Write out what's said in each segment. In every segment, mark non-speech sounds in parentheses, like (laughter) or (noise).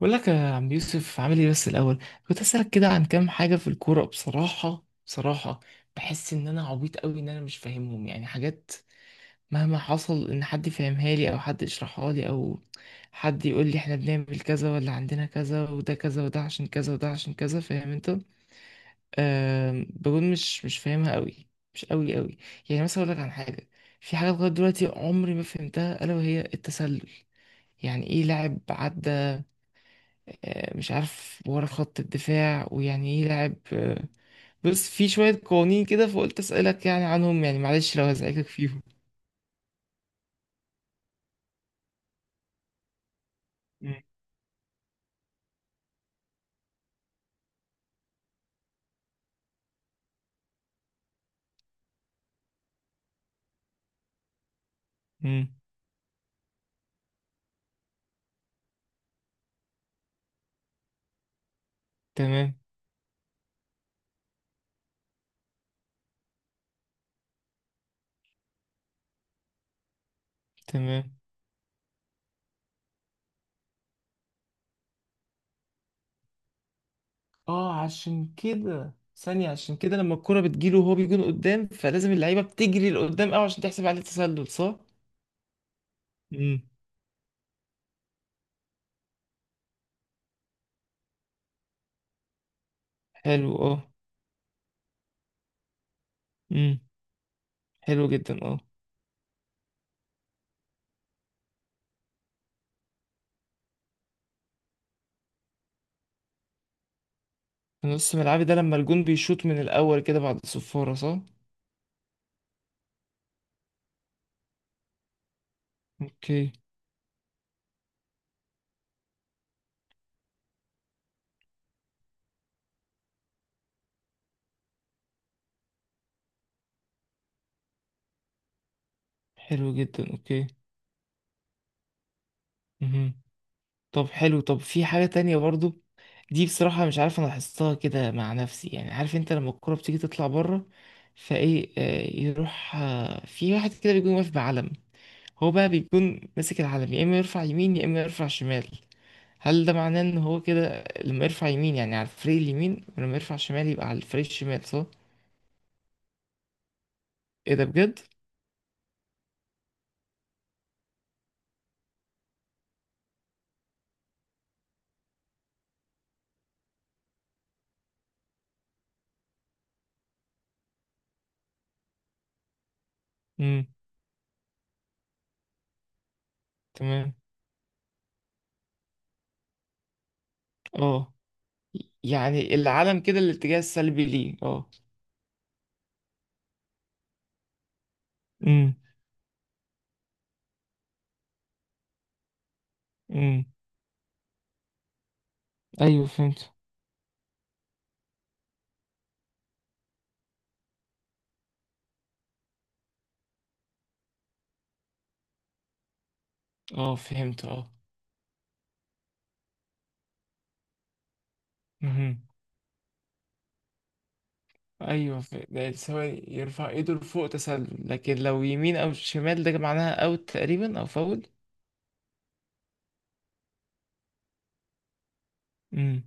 بقول لك يا عم يوسف، عامل ايه؟ بس الاول كنت اسالك كده عن كام حاجه في الكوره. بصراحه بصراحه بحس ان انا عبيط قوي، ان انا مش فاهمهم، يعني حاجات مهما حصل ان حد يفهمها لي او حد يشرحها لي او حد يقول لي احنا بنعمل كذا ولا عندنا كذا، وده كذا وده عشان كذا وده عشان كذا، فاهم انت؟ أه، بقول مش فاهمها قوي، مش قوي قوي. يعني مثلا اقول لك عن حاجه، في حاجه لغايه دلوقتي عمري ما فهمتها الا وهي التسلل. يعني ايه لاعب عدى مش عارف ورا خط الدفاع، ويعني ايه لاعب بص في شوية قوانين كده، فقلت أسألك يعني عنهم، يعني معلش لو هزعجك فيهم. مم. مم. تمام. تمام. اه عشان كده ثانية، عشان كده لما الكرة بتجيله وهو بيكون قدام فلازم اللعيبة بتجري لقدام قوي عشان تحسب عليه تسلل، صح؟ مم. حلو اه. امم. حلو جدا اه. في نص ملعبي ده لما الجون بيشوط من الأول كده بعد الصفارة، صح؟ اوكي. حلو جدا. اوكي. مهم. طب حلو، طب في حاجة تانية برضو. دي بصراحة مش عارف أنا لاحظتها كده مع نفسي، يعني عارف أنت لما الكرة بتيجي تطلع بره، فإيه يروح في واحد كده بيكون واقف بعلم. هو بقى بيكون ماسك العلم، يا إما يرفع يمين يا إما يرفع شمال. هل ده معناه إن هو كده لما يرفع يمين يعني على الفريق اليمين، ولما يرفع شمال يبقى على الفريق الشمال، صح؟ إيه ده بجد؟ امم. تمام. اه. يعني العلم كده الاتجاه السلبي ليه اه. امم. امم. ايوه فهمت. اه فهمت. اه. مهم. ايوه، ده ثواني يرفع ايده لفوق تسلل، لكن لو يمين او شمال ده معناها اوت تقريبا او فاول. امم.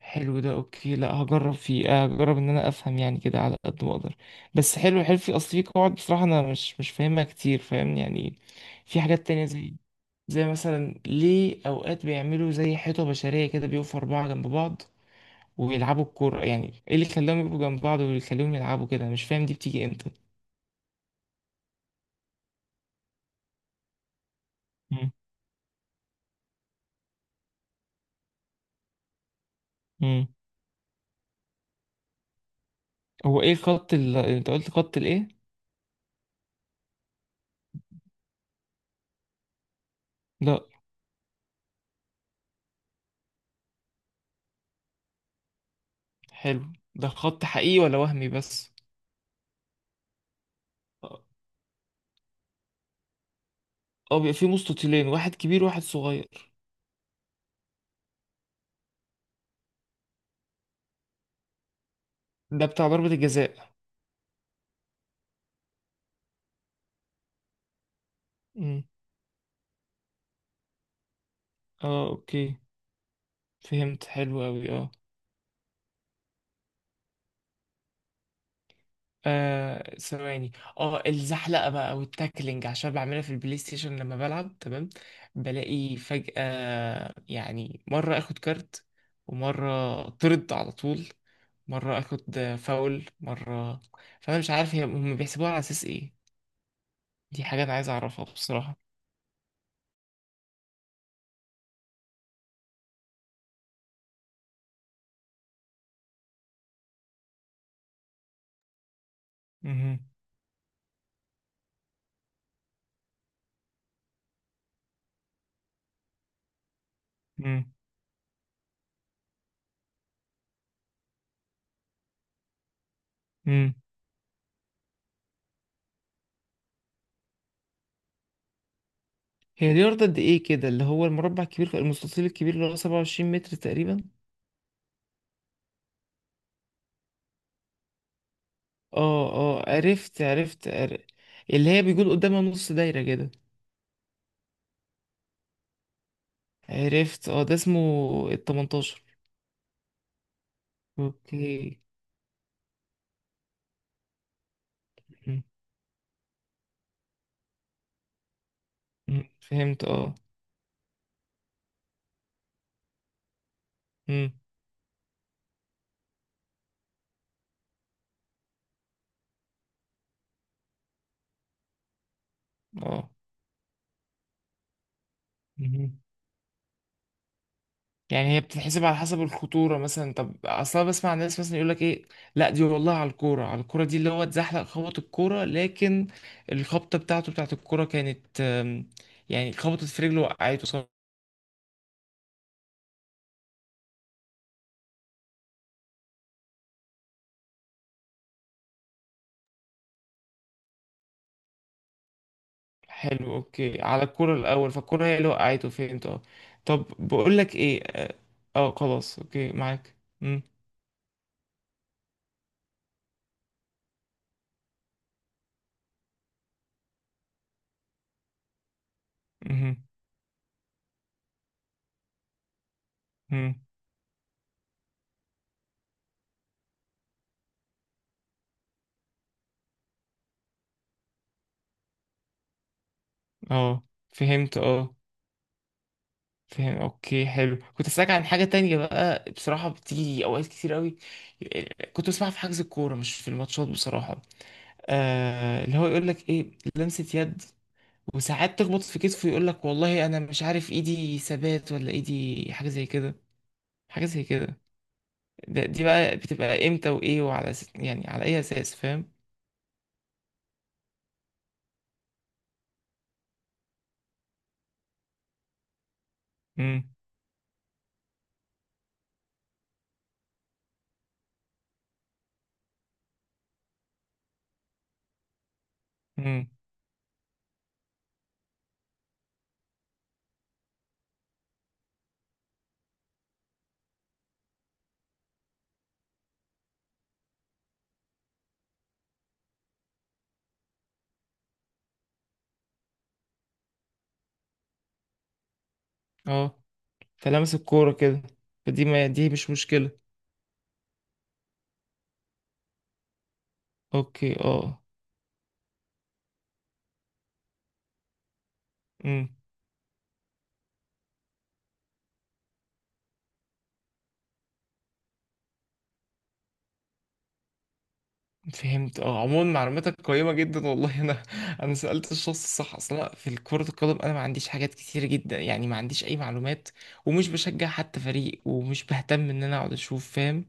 حلو ده، اوكي. لا هجرب فيه، هجرب ان انا افهم يعني كده على قد ما اقدر. بس حلو حلو، في اصل في قواعد بصراحه انا مش فاهمها كتير، فاهمني؟ يعني في حاجات تانية زي، زي مثلا ليه اوقات بيعملوا زي حيطه بشريه كده بيقفوا اربعه جنب بعض ويلعبوا الكوره. يعني ايه اللي خلاهم يبقوا جنب بعض ويخليهم يلعبوا كده؟ مش فاهم دي بتيجي امتى. مم. هو ايه الخط اللي انت قلت، خط الايه؟ لا. حلو ده خط حقيقي ولا وهمي بس؟ اه. بيبقى فيه مستطيلين، واحد كبير وواحد صغير. ده بتاع ضربة الجزاء؟ امم. اه اوكي. فهمت. حلو اوي اه. ثواني. اه، الزحلقة بقى والتاكلينج، عشان بعملها في البلاي ستيشن لما بلعب. تمام. بلاقي فجأة يعني مرة اخد كارت، ومرة طرد على طول، مرة اخد فاول، مرة. فانا مش عارف هم بيحسبوها على اساس ايه. دي حاجة أنا عايز أعرفها بصراحة. مهم. مم. مم. هي دي أرض قد إيه كده، اللي هو المربع الكبير، المستطيل الكبير اللي هو 27 متر تقريبا. اه اه، عرفت. اللي هي بيكون قدامها نص دايرة كده. عرفت اه، ده اسمه ال 18. اوكي. مم. مم. فهمت اه. مم. اه. مهم. يعني هي بتتحسب على حسب الخطورة مثلا. طب أصلا بسمع ناس مثلا يقول لك إيه، لا دي والله على الكورة، على الكورة دي اللي هو اتزحلق خبط الكورة، لكن الخبطة بتاعته بتاعت الكورة كانت يعني خبطت في رجله وقعته، صح. حلو أوكي، على الكورة الأول، فالكورة هي اللي وقعته. فهمت أه. طب بقول لك إيه، أه. خلاص أوكي معاك. مهم. مم. أه فهمت أه. فاهم اوكي حلو. كنت اسالك عن حاجه تانية بقى بصراحه، بتيجي اوقات كتير قوي، كنت بسمعها في حجز الكوره مش في الماتشات بصراحه. آه اللي هو يقول لك ايه، لمسه يد. وساعات تخبط في كتفه، يقول لك والله انا مش عارف ايدي ثبات ولا ايدي، حاجه زي كده. حاجه زي كده. ده، دي بقى بتبقى امتى وايه وعلى يعني على اي اساس، فاهم؟ امم. امم. اه. فلمس الكوره كده. فدي، ما دي مش مشكله. اوكي اه. امم. فهمت اه. عموما معلوماتك قيمة جدا والله، انا انا سألت الشخص الصح اصلا في كرة القدم. انا ما عنديش حاجات كتير جدا، يعني ما عنديش اي معلومات، ومش بشجع حتى فريق، ومش بهتم ان انا اقعد اشوف، فاهم؟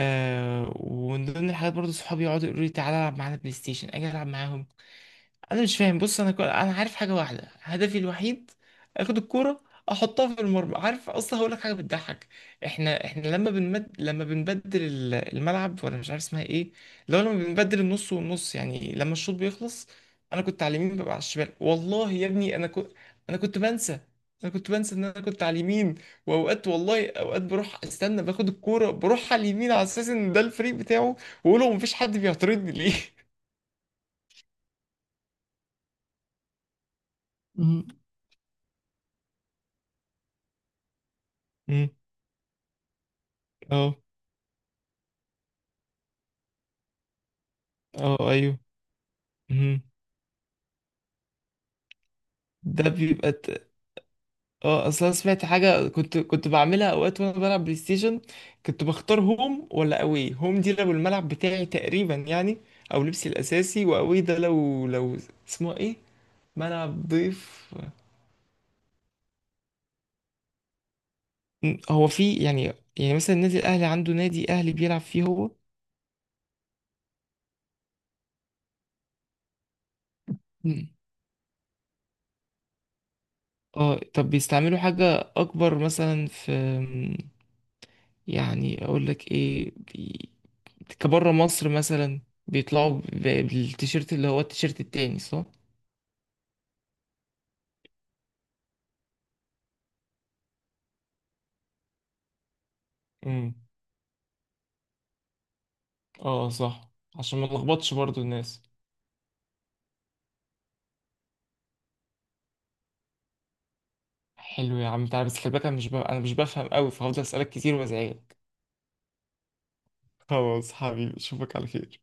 آه، ومن ضمن الحاجات برضو صحابي يقعدوا يقولوا لي تعالى العب معانا بلاي ستيشن، اجي العب معاهم. انا مش فاهم، بص، انا انا عارف حاجه واحده، هدفي الوحيد اخد الكوره احطها في المرمى. عارف اصلا، هقول لك حاجه بتضحك. احنا لما لما بنبدل الملعب، ولا مش عارف اسمها ايه، لو لما بنبدل النص والنص يعني لما الشوط بيخلص، انا كنت على اليمين ببقى على الشمال. والله يا ابني انا كنت، انا كنت بنسى. انا كنت بنسى ان انا كنت على اليمين، واوقات والله اوقات بروح استنى باخد الكوره بروح على اليمين على اساس ان ده الفريق بتاعه، واقول له مفيش حد بيعترضني ليه. (laughs) مم. امم. اه. ايوه. مهم. ده بيبقى ت- اه اصل انا سمعت حاجه كنت بعملها اوقات وانا بلعب بلاي ستيشن. كنت بختار هوم ولا اوي، هوم دي لو الملعب بتاعي تقريبا يعني، او لبسي الاساسي، واوي ده لو لو اسمه ايه، ملعب ضيف. م، هو في يعني. يعني مثلا النادي الاهلي عنده نادي اهلي بيلعب فيه هو. م. اه طب بيستعملوا حاجه اكبر مثلا في، يعني اقول لك ايه، كبره مصر مثلا، بيطلعوا بالتيشيرت اللي هو التيشيرت التاني، صح؟ امم. اه صح، عشان ما نلخبطش برضو الناس. حلو يا عم تعالى، بس خلي بالك انا مش ب... انا مش بفهم قوي، فهفضل اسالك كتير وازعجك. خلاص حبيبي، اشوفك على خير.